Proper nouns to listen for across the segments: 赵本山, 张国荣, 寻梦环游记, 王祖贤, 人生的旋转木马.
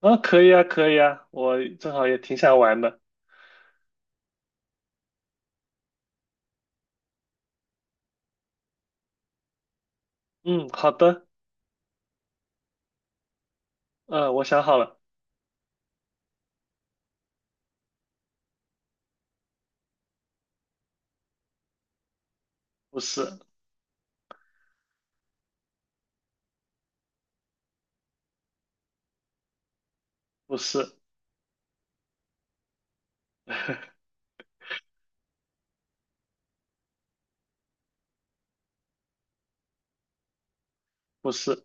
啊，可以啊，可以啊，我正好也挺想玩的。嗯，好的。嗯，我想好了。不是。不是。不是。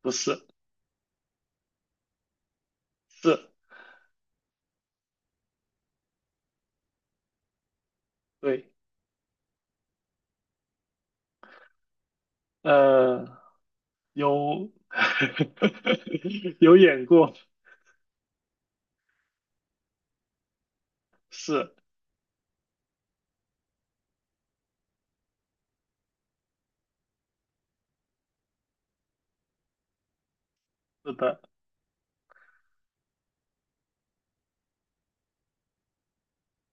不是。是。对。呃，有。有演过。是。是的。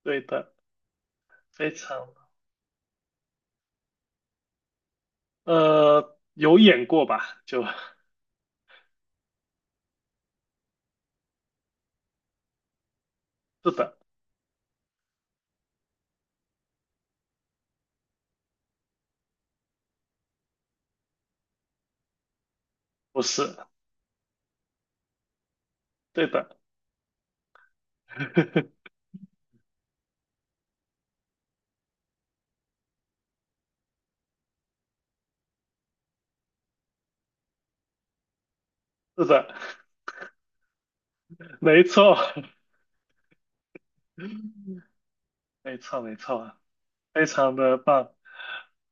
对的。非常。有演过吧？就。是的。不是。对的。是的。没错。没错，没错。非常的棒。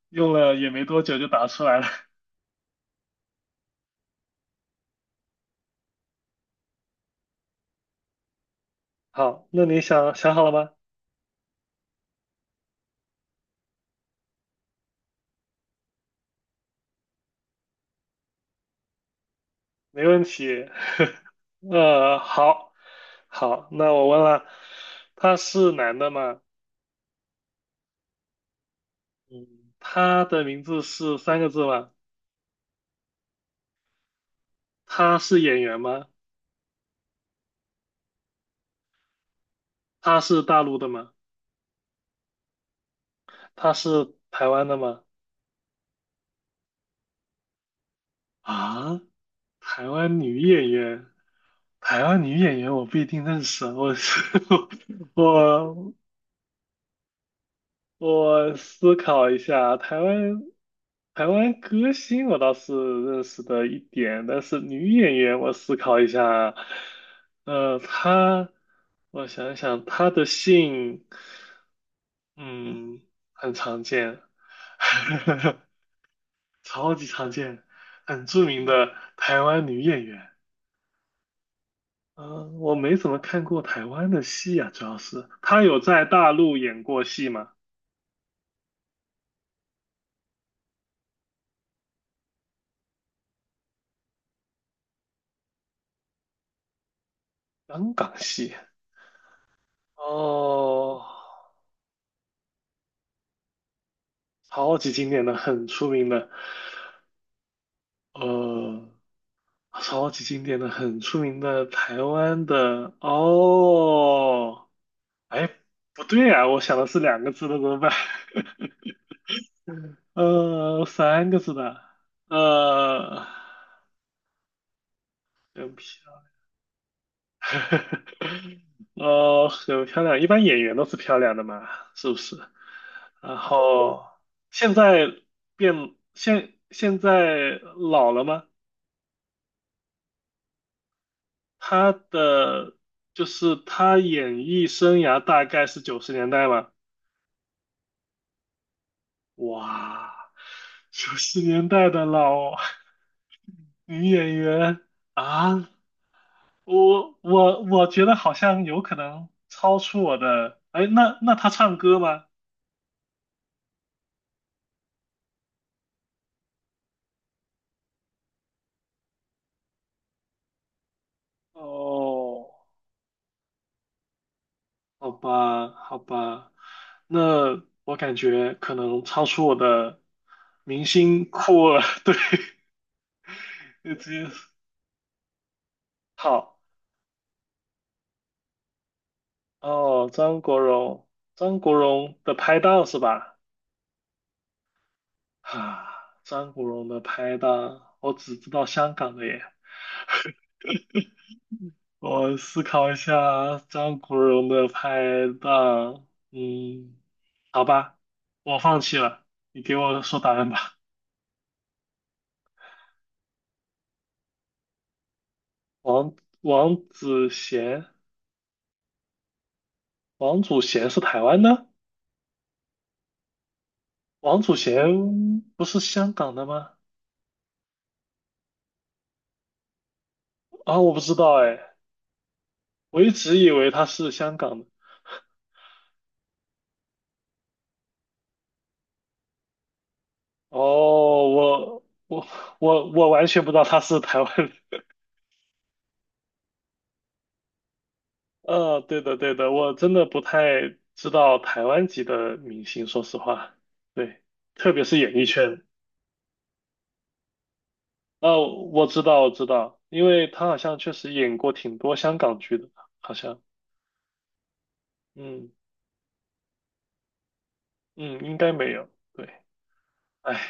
用了也没多久就打出来了。好，那你想想好了吗？没问题。好，好，那我问了。他是男的吗？嗯，他的名字是三个字吗？他是演员吗？他是大陆的吗？他是台湾的吗？啊，台湾女演员。台湾女演员我不一定认识啊，我我思考一下。台湾歌星我倒是认识的一点，但是女演员我思考一下。她，我想想，她的姓，嗯，很常见。超级常见，很著名的台湾女演员。嗯、我没怎么看过台湾的戏啊。主要是她有在大陆演过戏吗？香港戏。哦，超级经典的、很出名的。呃，超级经典的、很出名的台湾的哦。哎，不对啊，我想的是两个字的，怎么办？三个字的。呃，很漂亮。很漂亮，一般演员都是漂亮的嘛，是不是？然后现在变现现在老了吗？他的就是他演艺生涯大概是九十年代吧。哇，九十年代的老 女演员啊。我觉得好像有可能超出我的。哎，那他唱歌吗？哦，好吧，好吧。那我感觉可能超出我的明星库了。对，直接好。哦，张国荣，张国荣的拍档是吧？啊，张国荣的拍档，我只知道香港的耶。我思考一下，张国荣的拍档，嗯，好吧，我放弃了，你给我说答案吧。王王祖贤，王祖贤是台湾的？王祖贤不是香港的吗？啊，我不知道哎。我一直以为他是香港的。哦，我我我完全不知道他是台湾人。对的对的，我真的不太知道台湾籍的明星，说实话。对，特别是演艺圈。哦，我知道我知道，因为他好像确实演过挺多香港剧的，好像。嗯嗯，应该没有。对。哎。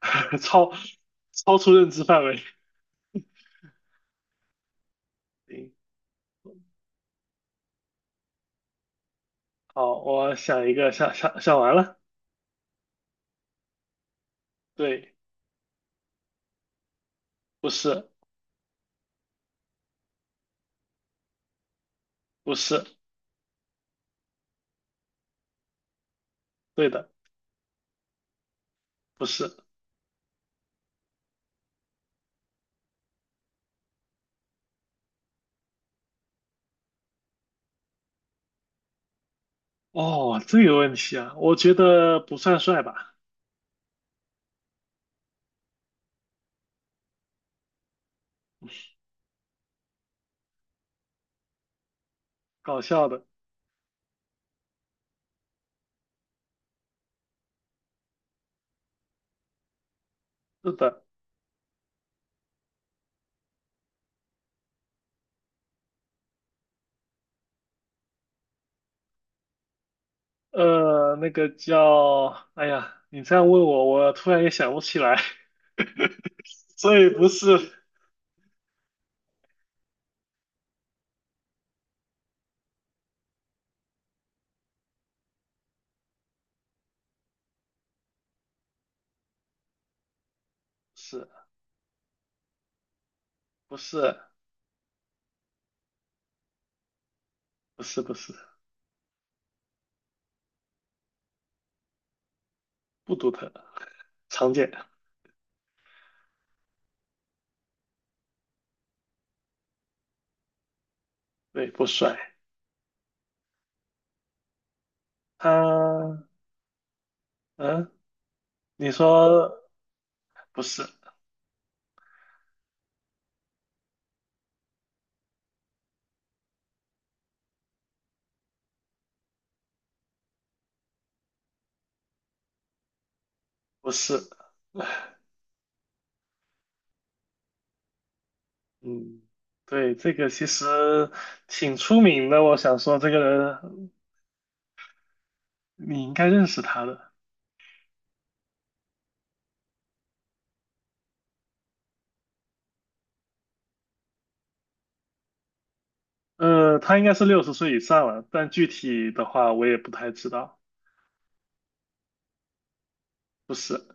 超超出认知范围。行。好，我想一个，想想想完了。对。不是不是。对的。不是。哦，这个问题啊，我觉得不算帅吧。搞笑的。是的。那个叫，哎呀，你这样问我，我突然也想不起来。所以不是。是不是不是不是不独特。常见。对，不帅。他，嗯，你说不是不是。嗯，对。这个其实挺出名的，我想说这个人你应该认识他的。他应该是60岁以上了，但具体的话我也不太知道。不是。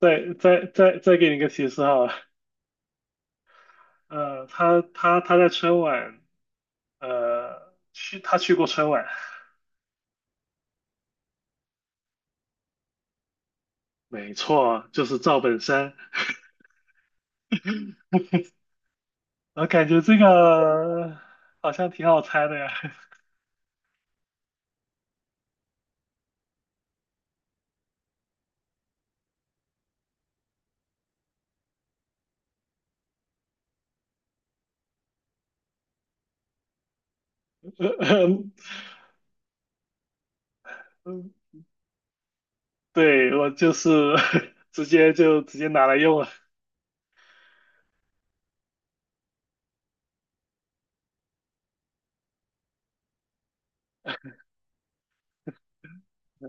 再给你一个提示哈。他在春晚。他去过春晚。没错，就是赵本山。我感觉这个好像挺好猜的呀。呃呃嗯，对，我就是 直接就直接拿来用了。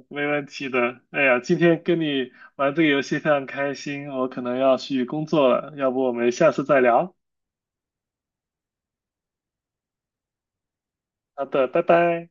没问题的。哎呀，今天跟你玩这个游戏非常开心，我可能要去工作了，要不我们下次再聊？好的，拜拜。